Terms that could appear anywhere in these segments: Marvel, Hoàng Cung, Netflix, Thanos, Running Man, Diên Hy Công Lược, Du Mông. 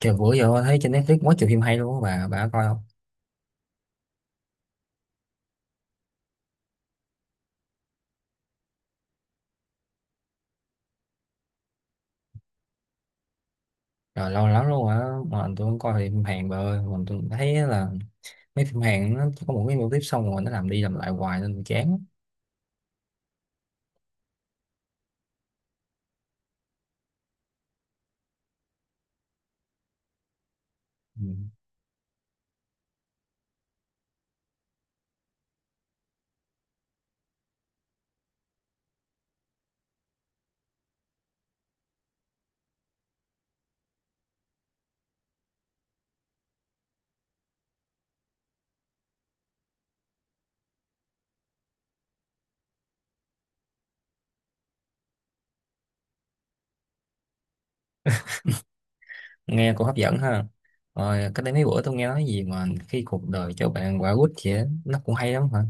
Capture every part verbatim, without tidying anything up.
Trời bữa giờ thấy trên Netflix quá trời phim hay luôn á, bà bà có coi không? Trời, lâu lắm luôn á, mà tôi không coi phim Hàn bà ơi. Mà tôi thấy là mấy phim Hàn nó có một cái mô típ xong rồi nó làm đi làm lại hoài nên tôi chán. Ừ. Nghe cũng hấp dẫn ha. Rồi cách đây mấy bữa tôi nghe nói gì mà khi cuộc đời cho bạn quả quýt vậy á, nó cũng hay lắm hả?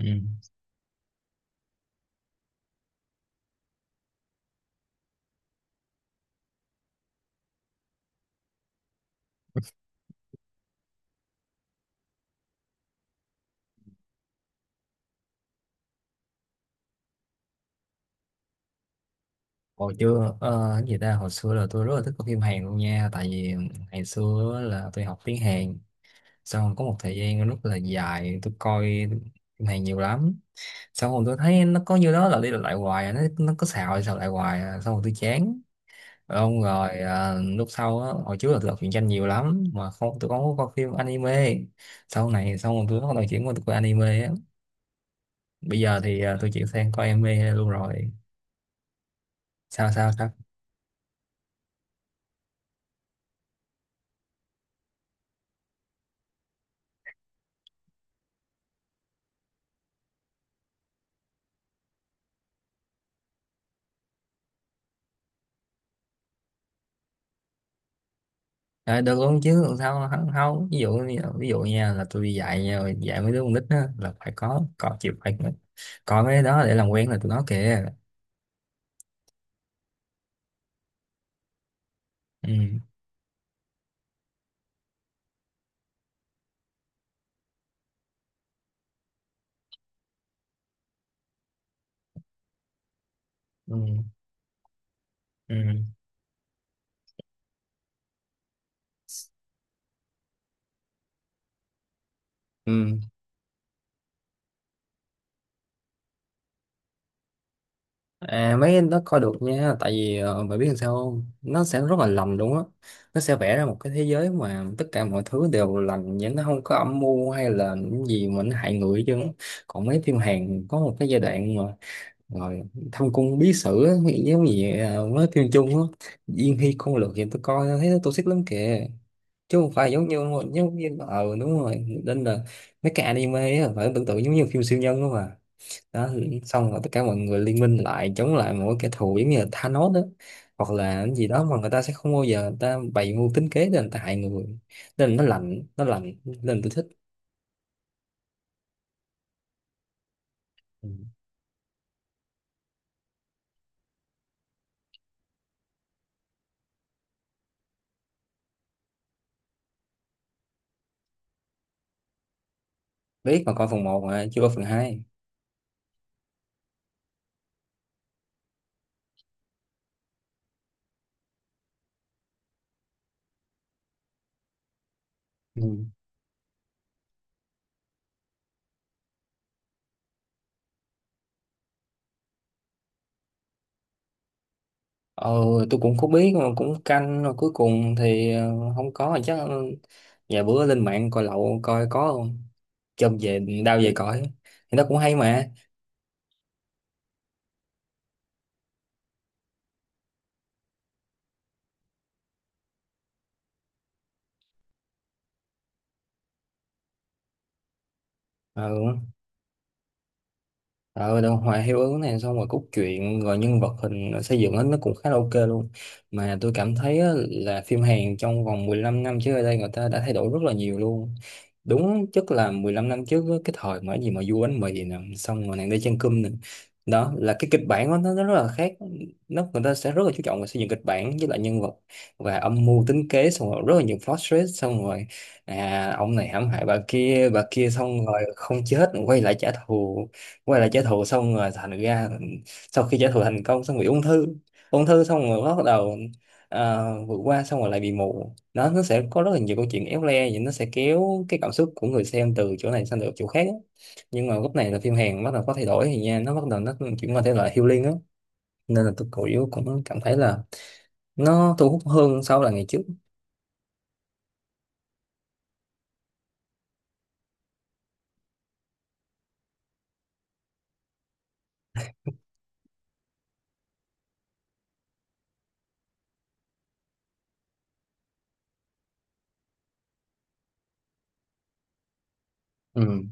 Ừ. Hồi chưa ờ, Cái gì ta, hồi xưa là tôi rất là thích coi phim Hàn luôn nha, tại vì ngày xưa á là tôi học tiếng Hàn, xong có một thời gian rất là dài tôi coi phim Hàn nhiều lắm. Xong rồi tôi thấy nó có như đó là đi lặp lại hoài à, nó nó có xào đi xào lại hoài à. Xong rồi tôi chán. Xong rồi à, lúc sau á, hồi trước là tôi đọc truyện tranh nhiều lắm mà không, tôi không có coi phim anime. Sau này xong rồi tôi bắt đầu chuyển qua tôi coi anime á. Bây giờ thì à, tôi chuyển sang coi anime luôn rồi. Sao sao sao À, được luôn chứ làm sao không, không. Ví dụ như- ví dụ nha, là tôi đi dạy nha, dạy mấy đứa con nít á là phải có, có chịu phải coi mấy cái đó để làm quen là tụi nó kìa. Ừ. Ừ. Ừ. Ừ. À, mấy anh nó coi được nha, tại vì ờ, mày biết làm sao không, nó sẽ rất là lành luôn á. Nó sẽ vẽ ra một cái thế giới mà tất cả mọi thứ đều lành, nhưng nó không có âm mưu hay là những gì mà nó hại người chứ. Còn mấy phim Hàn có một cái giai đoạn mà, rồi thâm cung bí sử á, giống như ờ, mấy phim Trung á, Diên Hy Công Lược thì tôi coi thấy nó toxic lắm kìa, chứ không phải giống như, giống như ờ đúng rồi. Nên là mấy cái anime á phải tưởng tượng giống như phim siêu nhân đó mà. Đó thì xong rồi tất cả mọi người liên minh lại chống lại một cái kẻ thù giống như là Thanos đó, hoặc là cái gì đó mà người ta sẽ không bao giờ người ta bày mưu tính kế để người ta hại người. Nên nó lạnh nó lạnh nên tôi thích. Ừ. Biết, mà coi phần một mà chưa có phần hai. Ừ. ờ tôi cũng không biết mà cũng canh rồi, cuối cùng thì ờ, không có chắc, ừ, vài bữa lên mạng coi lậu coi có không, chôm về đau về cõi, thì nó cũng hay mà. Ừ. Ờ, đồ hòa, hiệu ứng này, xong rồi cốt truyện, rồi nhân vật hình xây dựng hết nó cũng khá là ok luôn. Mà tôi cảm thấy á, là phim Hàn trong vòng mười lăm năm trước ở đây người ta đã thay đổi rất là nhiều luôn. Đúng, chắc là mười lăm năm trước á, cái thời mà cái gì mà du bánh mì nè, xong rồi nàng đi chân cơm nè, đó là cái kịch bản của nó, nó rất là khác. Nó, người ta sẽ rất là chú trọng vào xây dựng kịch bản với lại nhân vật và âm mưu tính kế, xong rồi rất là nhiều plot twist. Xong rồi à, ông này hãm hại bà kia, bà kia xong rồi không chết quay lại trả thù, quay lại trả thù. Xong rồi thành ra sau khi trả thù thành công xong bị ung thư. Ung thư xong rồi bắt đầu à, vượt qua, xong rồi lại bị mù. Nó nó sẽ có rất là nhiều câu chuyện éo le vậy, nó sẽ kéo cái cảm xúc của người xem từ chỗ này sang được chỗ khác á. Nhưng mà lúc này là phim Hàn bắt đầu có thay đổi thì nha, nó bắt đầu nó chuyển qua thể loại healing á. Nên là tôi cũng cũng cảm thấy là nó thu hút hơn so là ngày trước. Ừ.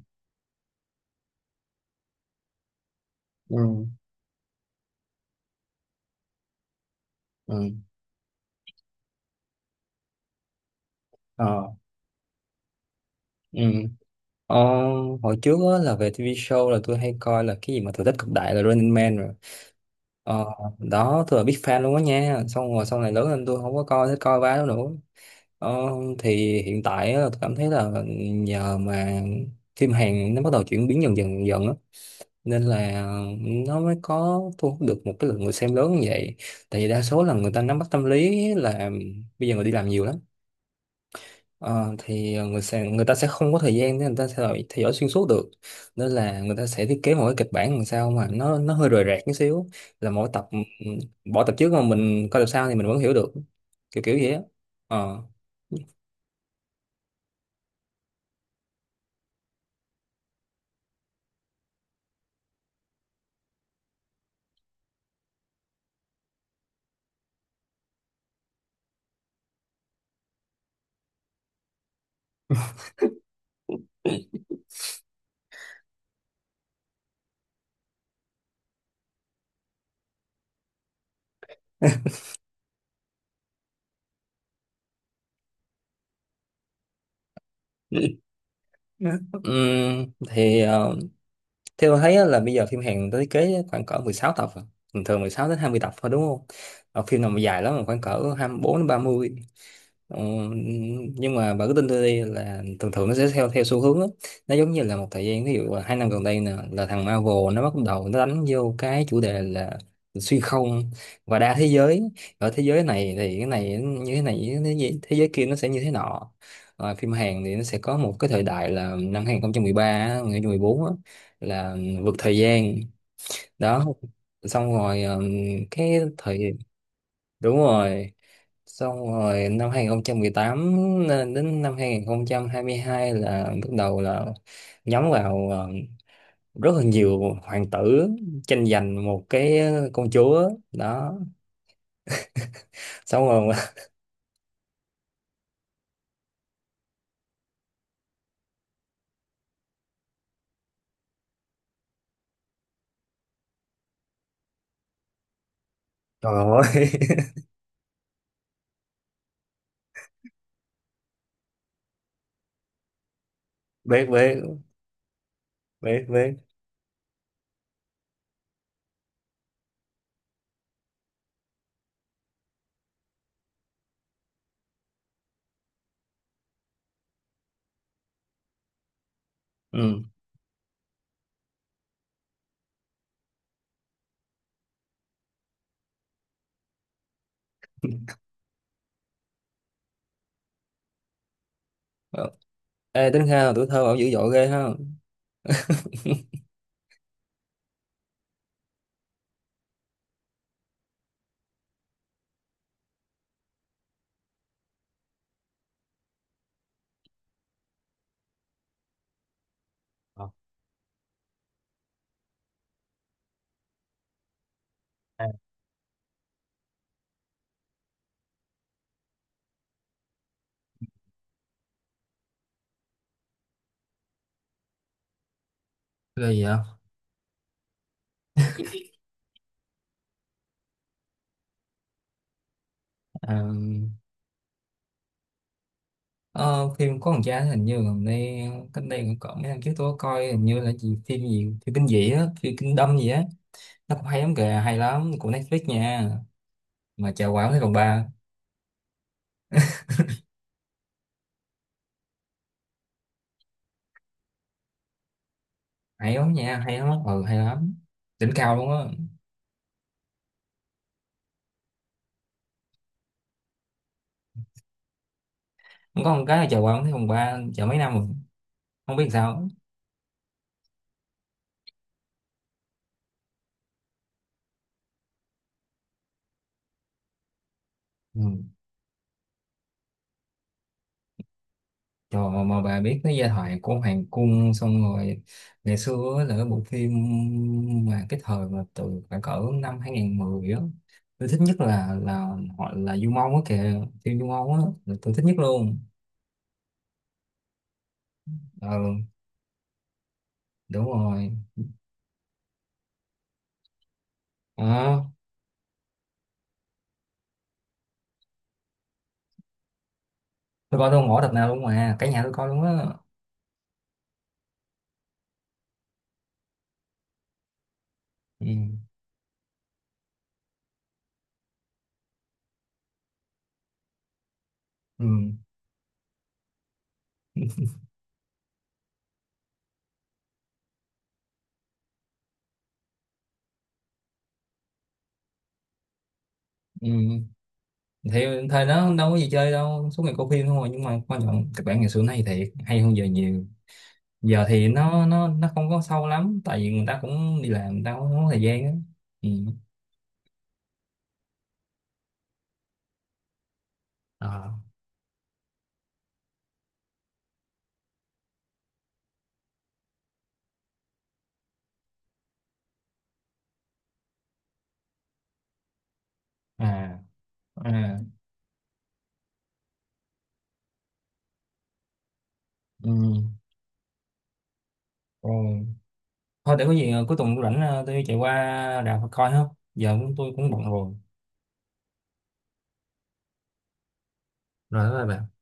Ừ. Ừ. Ờ. Ừ. Ờ, hồi trước á, là về tê vê show là tôi hay coi là cái gì mà thử thách cực đại, là Running Man. Ờ, đó, tôi là big fan luôn á nha. Xong rồi sau này lớn lên tôi không có coi thích coi bá đó nữa. Ờ, thì hiện tại á, tôi cảm thấy là nhờ mà phim Hàn nó bắt đầu chuyển biến dần dần dần á, nên là nó mới có thu hút được một cái lượng người xem lớn như vậy. Tại vì đa số là người ta nắm bắt tâm lý là bây giờ người đi làm nhiều lắm. Ờ, thì ờ, người sẽ, người ta sẽ không có thời gian để người ta theo dõi, theo dõi xuyên suốt được. Nên là người ta sẽ thiết kế một cái kịch bản làm sao mà nó nó hơi rời rạc một xíu, là mỗi tập, ừ, ừ, bỏ tập trước mà mình coi tập sau thì mình vẫn hiểu được, kiểu kiểu vậy á. Ờ. Ừm, thì ờ, theo tôi thấy á, là bây giờ phim Hàn người ta thiết kế khoảng cỡ mười sáu tập à. Thường thường mười sáu đến hai mươi tập thôi đúng không? Ờ, phim nào mà dài lắm là khoảng cỡ hai mươi bốn đến ba mươi. Ờ, nhưng mà bà cứ tin tôi đi, là thường thường nó sẽ theo theo xu hướng á. Nó giống như là một thời gian, ví dụ là hai năm gần đây nè, là thằng Marvel nó bắt đầu nó đánh vô cái chủ đề là xuyên không và đa thế giới. Ở thế giới này thì cái này như thế này, như thế gì- thế giới kia nó sẽ như thế nọ. Rồi phim Hàn thì nó sẽ có một cái thời đại là năm hai không một ba á, hai không một bốn á, là vượt thời gian. Đó, xong rồi ờ, cái thời, đúng rồi, xong rồi năm hai không một tám đến năm hai không hai hai là bắt đầu là nhắm vào ờ, rất là nhiều hoàng tử tranh giành một cái công chúa đó. Xong rồi trời ơi. Biết, biết. Biết, biết. Ừ. Ê, tính ra là tuổi thơ bảo dữ dội ghê ha. Ờ. Ghê gì vậy? À, ờ, phim có thằng cha hình như gần đây, cách đây cũng cỡ mấy năm trước tôi có coi, hình như là gì phim gì, phim kinh dị á, phim kinh đâm gì á, nó cũng hay lắm kìa, hay lắm, của Netflix nha. Mà chờ quảng thấy phòng ba. Hay lắm nha, hay lắm, ừ hay lắm. Đỉnh cao luôn á. Không có, một cái là chờ quảng thấy phòng ba chờ mấy năm rồi không biết sao. Ừ. Trời, mà, mà bà biết cái giai thoại của Hoàng Cung xong rồi, ngày xưa á là cái bộ phim mà cái thời mà từ khoảng cỡ năm hai nghìn mười á, tôi thích nhất là là họ là Du Mông á kìa, phim Du Mông á là tôi thích nhất luôn. Ừ đúng rồi. Ờ, tôi coi tôi không bỏ tập nào luôn mà cả nhà tôi coi luôn á. Ừ. Ừ. Ừ. Thì thời đó đâu có gì chơi đâu, suốt ngày coi phim thôi. Nhưng mà quan trọng kịch bản ngày xưa này thiệt hay hơn giờ nhiều. Giờ thì nó nó nó không có sâu lắm, tại vì người ta cũng đi làm, người ta cũng không có thời gian á. Ừ. À. À. À. Ừ. Rồi thôi để có gì ờ, cuối tuần tôi rảnh, ờ, tôi chạy qua rạp coi không. Giờ cũng, tôi cũng bận rồi. Rồi bye bye.